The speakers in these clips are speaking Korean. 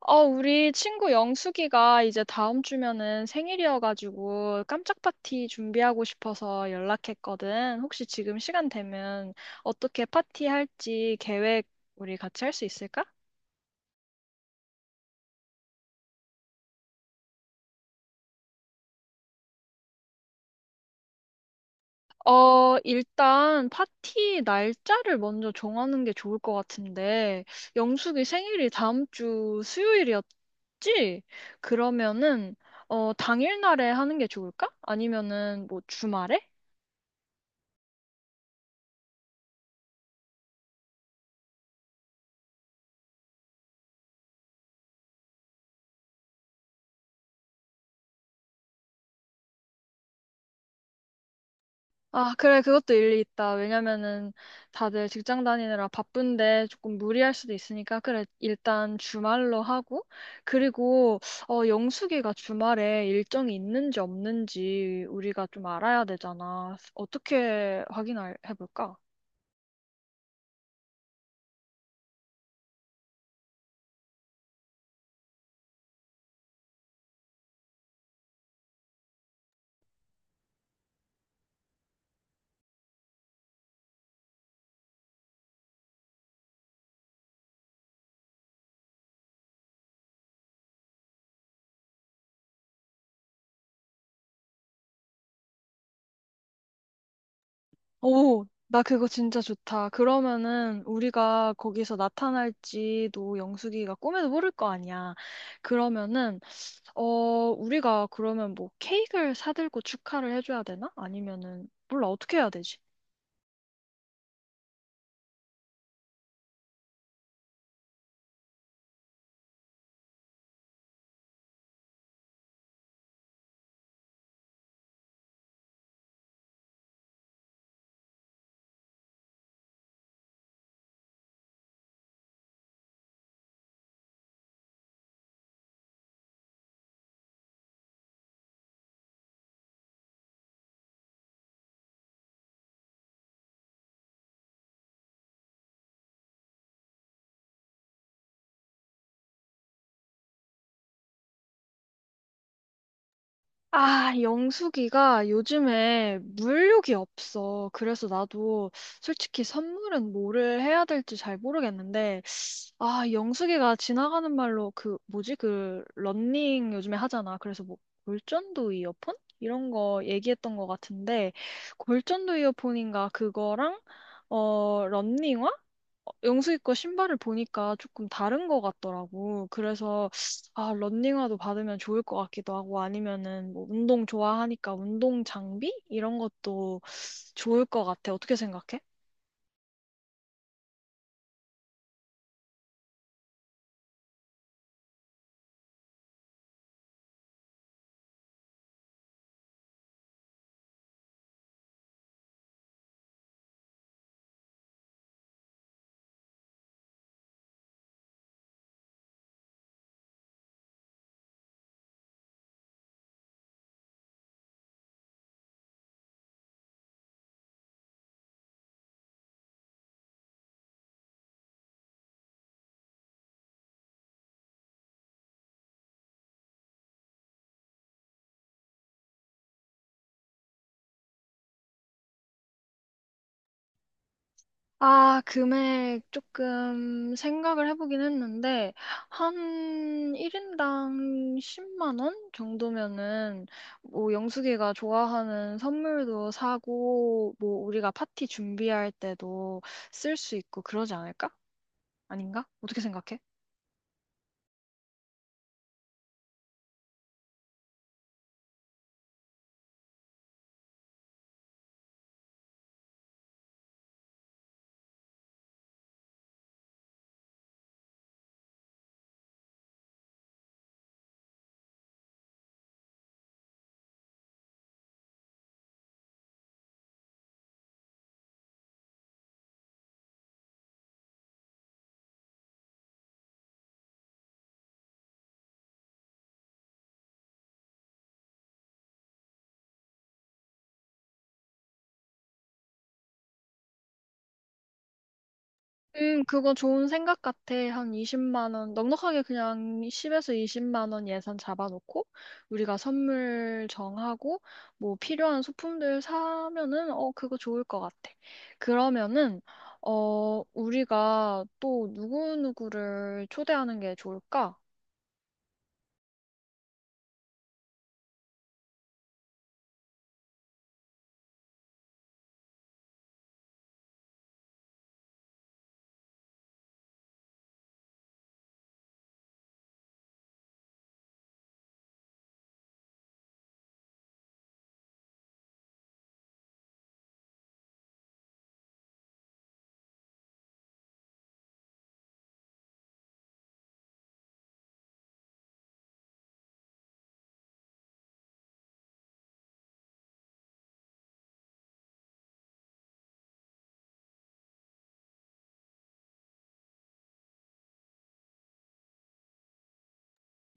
우리 친구 영숙이가 이제 다음 주면은 생일이어가지고 깜짝 파티 준비하고 싶어서 연락했거든. 혹시 지금 시간 되면 어떻게 파티 할지 계획 우리 같이 할 수 있을까? 일단 파티 날짜를 먼저 정하는 게 좋을 것 같은데, 영숙이 생일이 다음 주 수요일이었지? 그러면은, 당일날에 하는 게 좋을까? 아니면은 뭐 주말에? 아, 그래, 그것도 일리 있다. 왜냐면은 다들 직장 다니느라 바쁜데 조금 무리할 수도 있으니까, 그래, 일단 주말로 하고, 그리고, 영숙이가 주말에 일정이 있는지 없는지 우리가 좀 알아야 되잖아. 어떻게 확인해 볼까? 오, 나 그거 진짜 좋다. 그러면은 우리가 거기서 나타날지도 영숙이가 꿈에도 모를 거 아니야. 그러면은 어, 우리가 그러면 뭐 케이크를 사들고 축하를 해줘야 되나? 아니면은, 몰라, 어떻게 해야 되지? 아, 영숙이가 요즘에 물욕이 없어. 그래서 나도 솔직히 선물은 뭐를 해야 될지 잘 모르겠는데, 아, 영숙이가 지나가는 말로 그, 뭐지? 그, 런닝 요즘에 하잖아. 그래서 뭐, 골전도 이어폰? 이런 거 얘기했던 것 같은데, 골전도 이어폰인가 그거랑, 런닝화? 영숙이 거 신발을 보니까 조금 다른 것 같더라고. 그래서 아, 런닝화도 받으면 좋을 것 같기도 하고 아니면은 뭐 운동 좋아하니까 운동 장비 이런 것도 좋을 것 같아. 어떻게 생각해? 아, 금액 조금 생각을 해보긴 했는데 한 1인당 10만 원 정도면은 뭐 영숙이가 좋아하는 선물도 사고 뭐 우리가 파티 준비할 때도 쓸 수 있고 그러지 않을까? 아닌가? 어떻게 생각해? 그거 좋은 생각 같아. 한 20만 원, 넉넉하게 그냥 10에서 20만 원 예산 잡아놓고, 우리가 선물 정하고, 뭐 필요한 소품들 사면은, 어, 그거 좋을 것 같아. 그러면은, 우리가 또 누구누구를 초대하는 게 좋을까?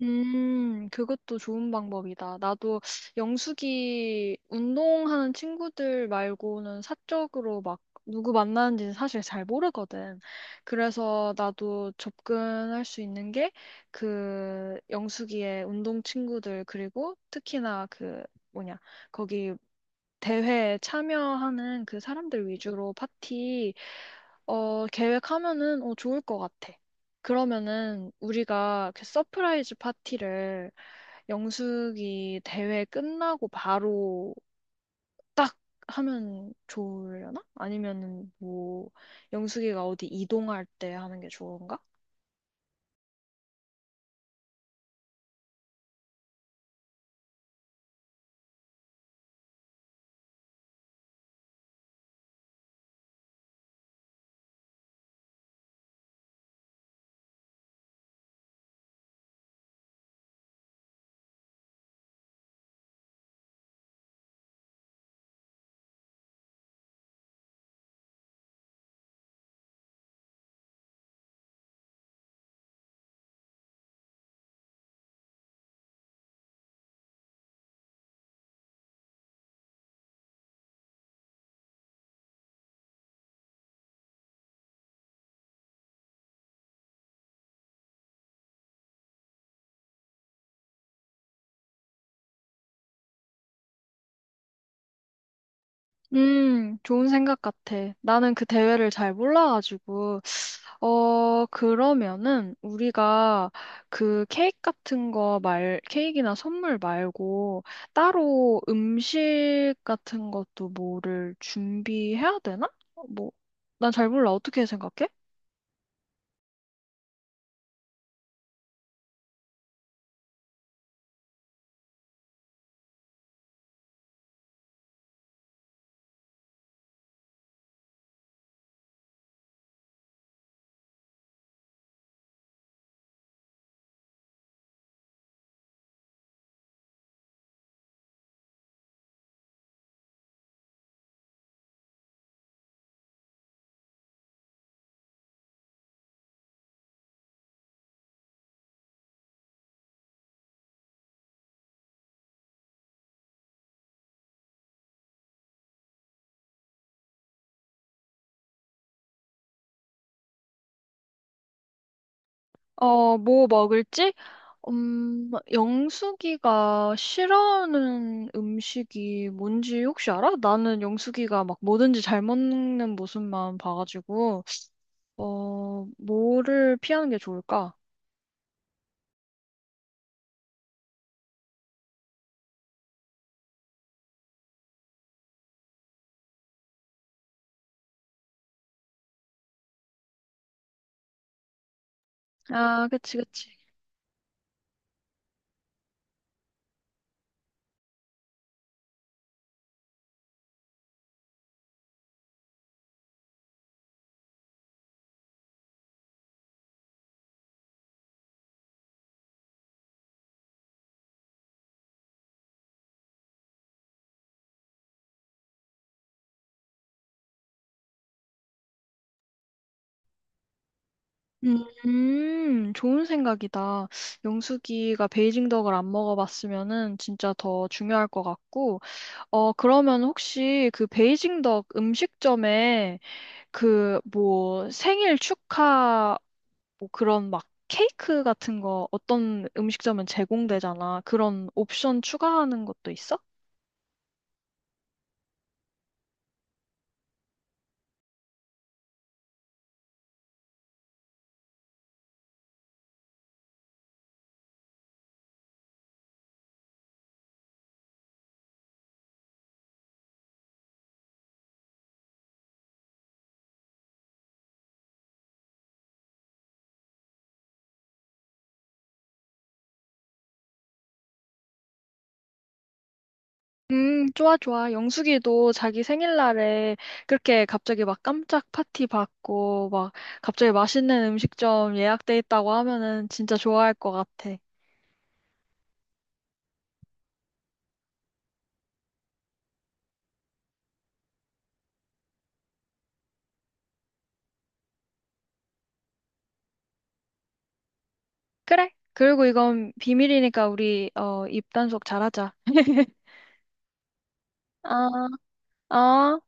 그것도 좋은 방법이다. 나도 영숙이 운동하는 친구들 말고는 사적으로 막 누구 만나는지는 사실 잘 모르거든. 그래서 나도 접근할 수 있는 게 그 영숙이의 운동 친구들 그리고 특히나 그 뭐냐, 거기 대회에 참여하는 그 사람들 위주로 파티 계획하면은 좋을 것 같아. 그러면은 우리가 그 서프라이즈 파티를 영숙이 대회 끝나고 바로 딱 하면 좋으려나? 아니면은 뭐 영숙이가 어디 이동할 때 하는 게 좋은가? 좋은 생각 같아. 나는 그 대회를 잘 몰라가지고. 그러면은 우리가 그 케이크 같은 거 말, 케이크나 선물 말고 따로 음식 같은 것도 뭐를 준비해야 되나? 뭐, 난 잘 몰라. 어떻게 생각해? 뭐 먹을지? 영숙이가 싫어하는 음식이 뭔지 혹시 알아? 나는 영숙이가 막 뭐든지 잘 먹는 모습만 봐가지고, 뭐를 피하는 게 좋을까? 아, 그치, 그치. 좋은 생각이다. 영숙이가 베이징 덕을 안 먹어봤으면은 진짜 더 중요할 것 같고, 그러면 혹시 그 베이징 덕 음식점에 그, 뭐, 생일 축하, 뭐 그런 막 케이크 같은 거 어떤 음식점은 제공되잖아. 그런 옵션 추가하는 것도 있어? 좋아, 좋아. 영숙이도 자기 생일날에 그렇게 갑자기 막 깜짝 파티 받고, 막 갑자기 맛있는 음식점 예약돼 있다고 하면은 진짜 좋아할 것 같아. 그래. 그리고 이건 비밀이니까 우리, 입단속 잘하자. 아, 아.